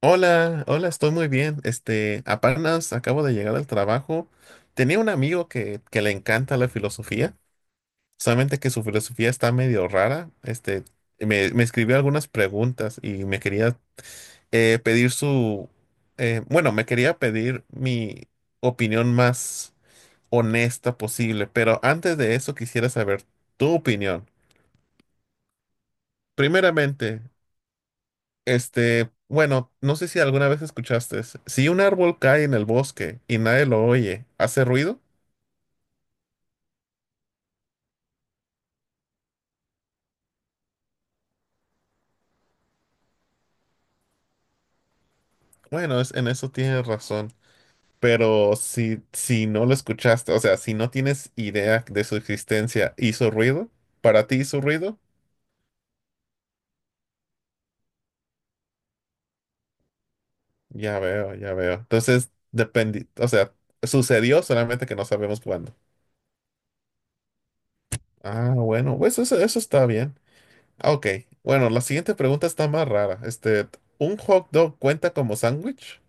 Hola, hola, estoy muy bien. Apenas acabo de llegar al trabajo. Tenía un amigo que le encanta la filosofía, solamente que su filosofía está medio rara. Me escribió algunas preguntas y me quería pedir su, bueno, me quería pedir mi opinión más honesta posible, pero antes de eso quisiera saber tu opinión. Primeramente, bueno, no sé si alguna vez escuchaste. Si un árbol cae en el bosque y nadie lo oye, ¿hace ruido? Bueno, en eso tienes razón. Pero si no lo escuchaste, o sea, si no tienes idea de su existencia, ¿hizo ruido? ¿Para ti hizo ruido? Ya veo, ya veo. Entonces, depende, o sea, sucedió solamente que no sabemos cuándo. Ah, bueno, pues eso está bien. Ah, ok, bueno, la siguiente pregunta está más rara. ¿Un hot dog cuenta como sándwich?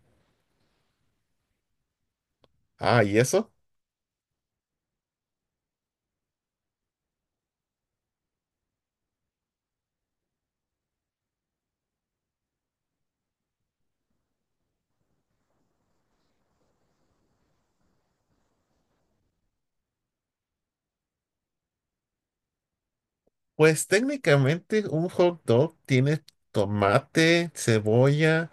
Ah, ¿y eso? Pues técnicamente un hot dog tiene tomate, cebolla,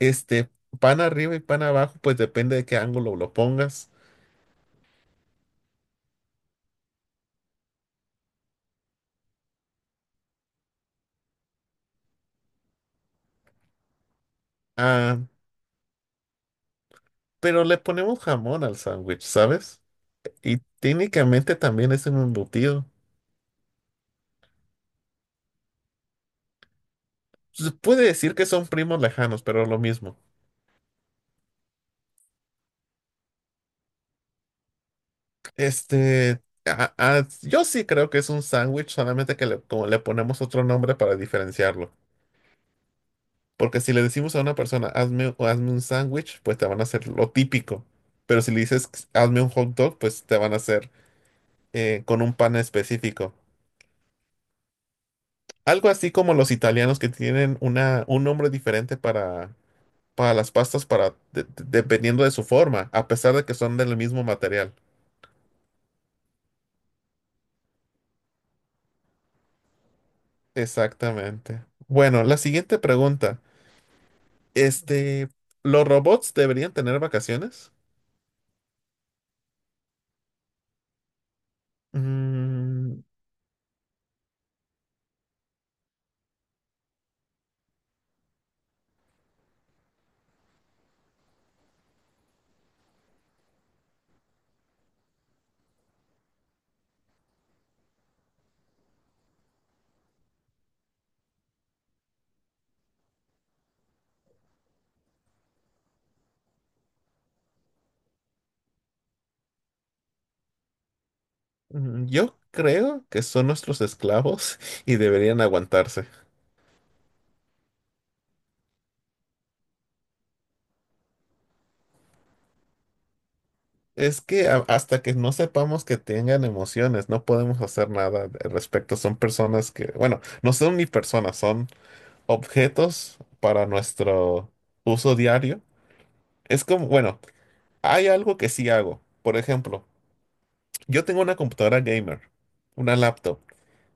este, pan arriba y pan abajo, pues depende de qué ángulo lo pongas. Ah, pero le ponemos jamón al sándwich, ¿sabes? Y técnicamente también es un embutido. Se puede decir que son primos lejanos, pero lo mismo. Yo sí creo que es un sándwich, solamente como le ponemos otro nombre para diferenciarlo. Porque si le decimos a una persona, hazme, o hazme un sándwich, pues te van a hacer lo típico. Pero si le dices, hazme un hot dog, pues te van a hacer con un pan específico. Algo así como los italianos que tienen una, un nombre diferente para las pastas, dependiendo de su forma, a pesar de que son del mismo material. Exactamente. Bueno, la siguiente pregunta. Este, ¿Los robots deberían tener vacaciones? Mm, Yo creo que son nuestros esclavos y deberían aguantarse. Es que hasta que no sepamos que tengan emociones, no podemos hacer nada al respecto. Son personas que, bueno, no son ni personas, son objetos para nuestro uso diario. Es como, bueno, hay algo que sí hago. Por ejemplo, yo tengo una computadora gamer, una laptop.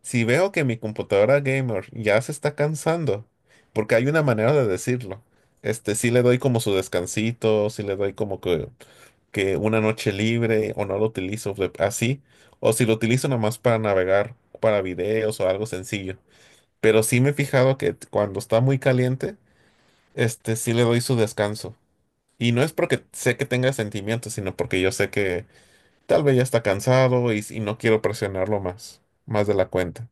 Si veo que mi computadora gamer ya se está cansando, porque hay una manera de decirlo, sí le doy como su descansito, si le doy como que una noche libre o no lo utilizo así, o si lo utilizo nomás para navegar, para videos o algo sencillo. Pero sí me he fijado que cuando está muy caliente, sí le doy su descanso. Y no es porque sé que tenga sentimientos, sino porque yo sé que tal vez ya está cansado y no quiero presionarlo más, más de la cuenta.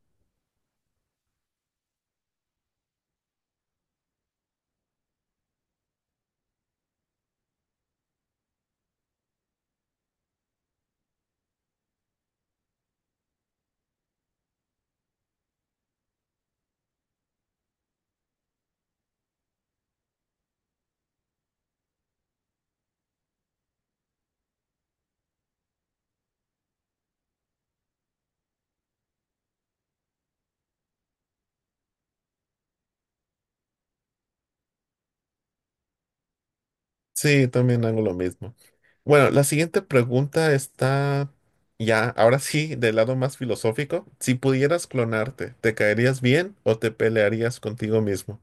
Sí, también hago lo mismo. Bueno, la siguiente pregunta está ya, ahora sí, del lado más filosófico. Si pudieras clonarte, ¿te caerías bien o te pelearías contigo mismo?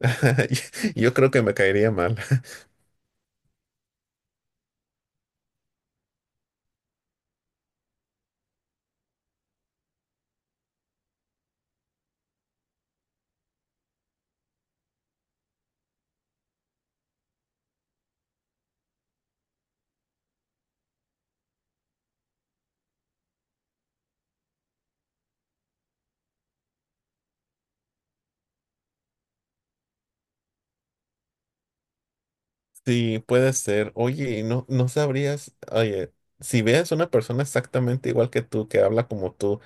Yo creo que me caería mal. Sí, puede ser. Oye, y no sabrías, oye, si veas una persona exactamente igual que tú, que habla como tú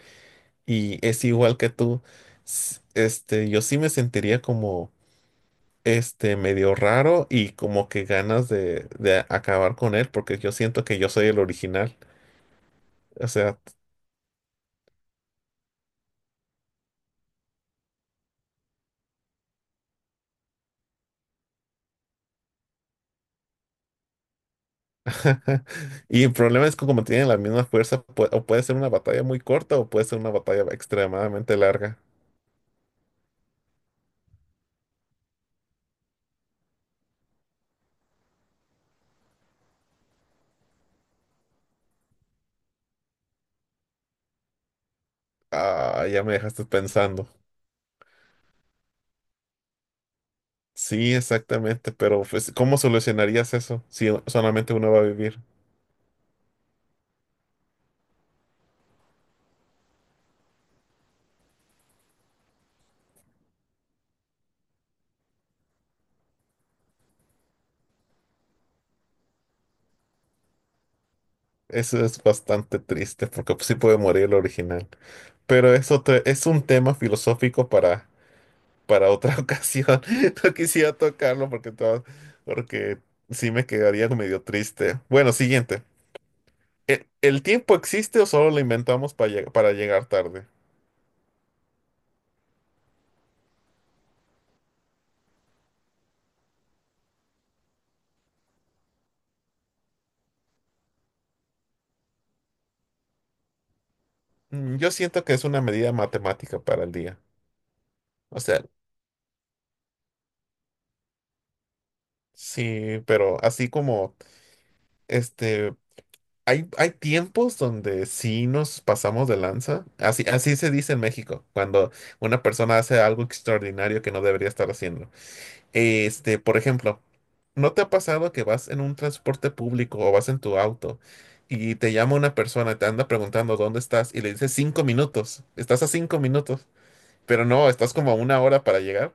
y es igual que tú, yo sí me sentiría como este medio raro y como que ganas de acabar con él porque yo siento que yo soy el original. O sea, y el problema es que como tienen la misma fuerza, o puede ser una batalla muy corta o puede ser una batalla extremadamente larga. Ah, ya me dejaste pensando. Sí, exactamente, pero pues, ¿cómo solucionarías eso si solamente uno va a vivir? Eso es bastante triste porque pues, sí puede morir el original. Pero es otro, es un tema filosófico para otra ocasión. No quisiera tocarlo porque sí me quedaría medio triste. Bueno, siguiente. ¿El tiempo existe o solo lo inventamos para, para llegar tarde? Yo siento que es una medida matemática para el día. O sea, sí, pero así como, este, hay tiempos donde sí nos pasamos de lanza. Así, así se dice en México, cuando una persona hace algo extraordinario que no debería estar haciendo. Por ejemplo, ¿no te ha pasado que vas en un transporte público o vas en tu auto y te llama una persona, y te anda preguntando dónde estás y le dices 5 minutos? Estás a 5 minutos, pero no, estás como a una hora para llegar.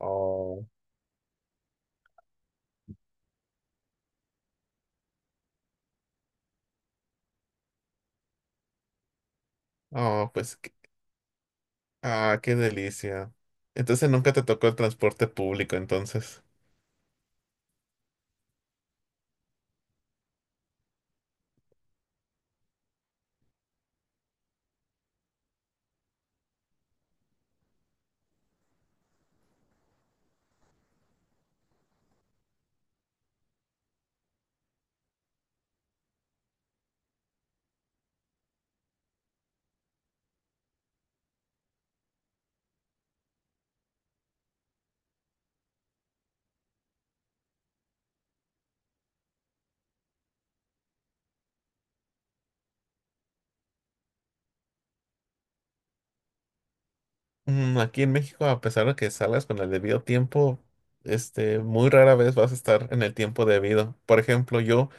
Oh. Oh, pues, qué delicia. Entonces nunca te tocó el transporte público, entonces. Aquí en México, a pesar de que salgas con el debido tiempo, muy rara vez vas a estar en el tiempo debido. Por ejemplo, yo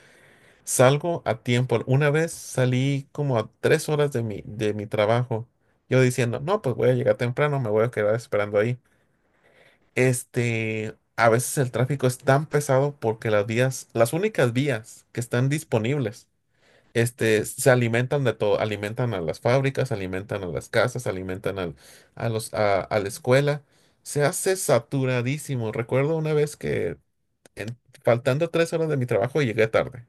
salgo a tiempo. Una vez salí como a 3 horas de mi trabajo. Yo diciendo, no, pues voy a llegar temprano, me voy a quedar esperando ahí. A veces el tráfico es tan pesado porque las vías, las únicas vías que están disponibles, se alimentan de todo. Alimentan a las fábricas, alimentan a las casas, alimentan a la escuela. Se hace saturadísimo. Recuerdo una vez que en- faltando 3 horas de mi trabajo llegué tarde.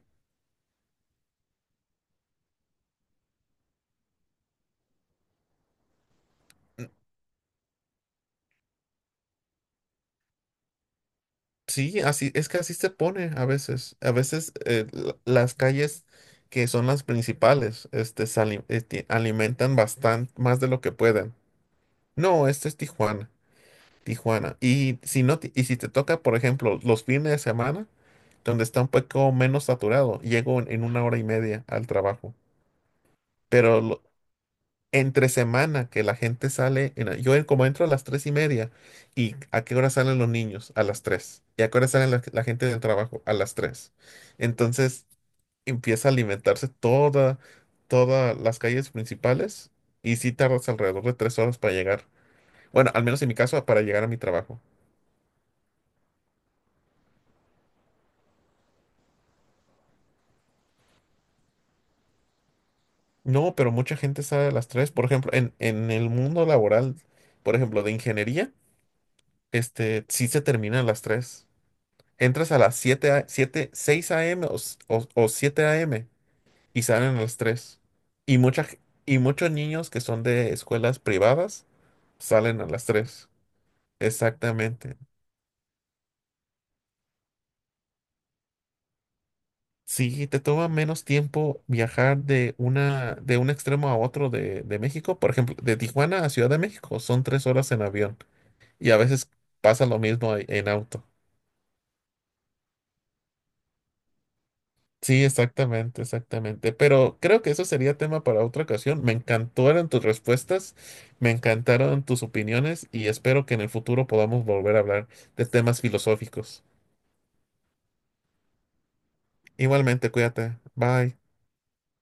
Sí, así es que así se pone a veces. A veces las calles que son las principales, se alimentan bastante más de lo que pueden. No, este es Tijuana, Tijuana. Y si no, y si te toca, por ejemplo, los fines de semana, donde está un poco menos saturado, llego en 1 hora y media al trabajo. Pero entre semana que la gente sale, en yo como entro a las 3:30, ¿y a qué hora salen los niños? A las tres. ¿Y a qué hora salen la gente del trabajo? A las tres. Entonces empieza a alimentarse toda, todas las calles principales y sí tardas alrededor de 3 horas para llegar. Bueno, al menos en mi caso, para llegar a mi trabajo. No, pero mucha gente sale a las tres. Por ejemplo, en el mundo laboral, por ejemplo, de ingeniería, sí se termina a las tres. Entras a las 7 siete, seis a m o, o 7 a.m. y salen a las tres. Y, mucha, g- y muchos niños que son de escuelas privadas salen a las tres. Exactamente. Sí, te toma menos tiempo viajar de un extremo a otro de México. Por ejemplo, de Tijuana a Ciudad de México son 3 horas en avión. Y a veces pasa lo mismo en auto. Sí, exactamente, exactamente. Pero creo que eso sería tema para otra ocasión. Me encantaron tus respuestas, me encantaron tus opiniones y espero que en el futuro podamos volver a hablar de temas filosóficos. Igualmente, cuídate. Bye.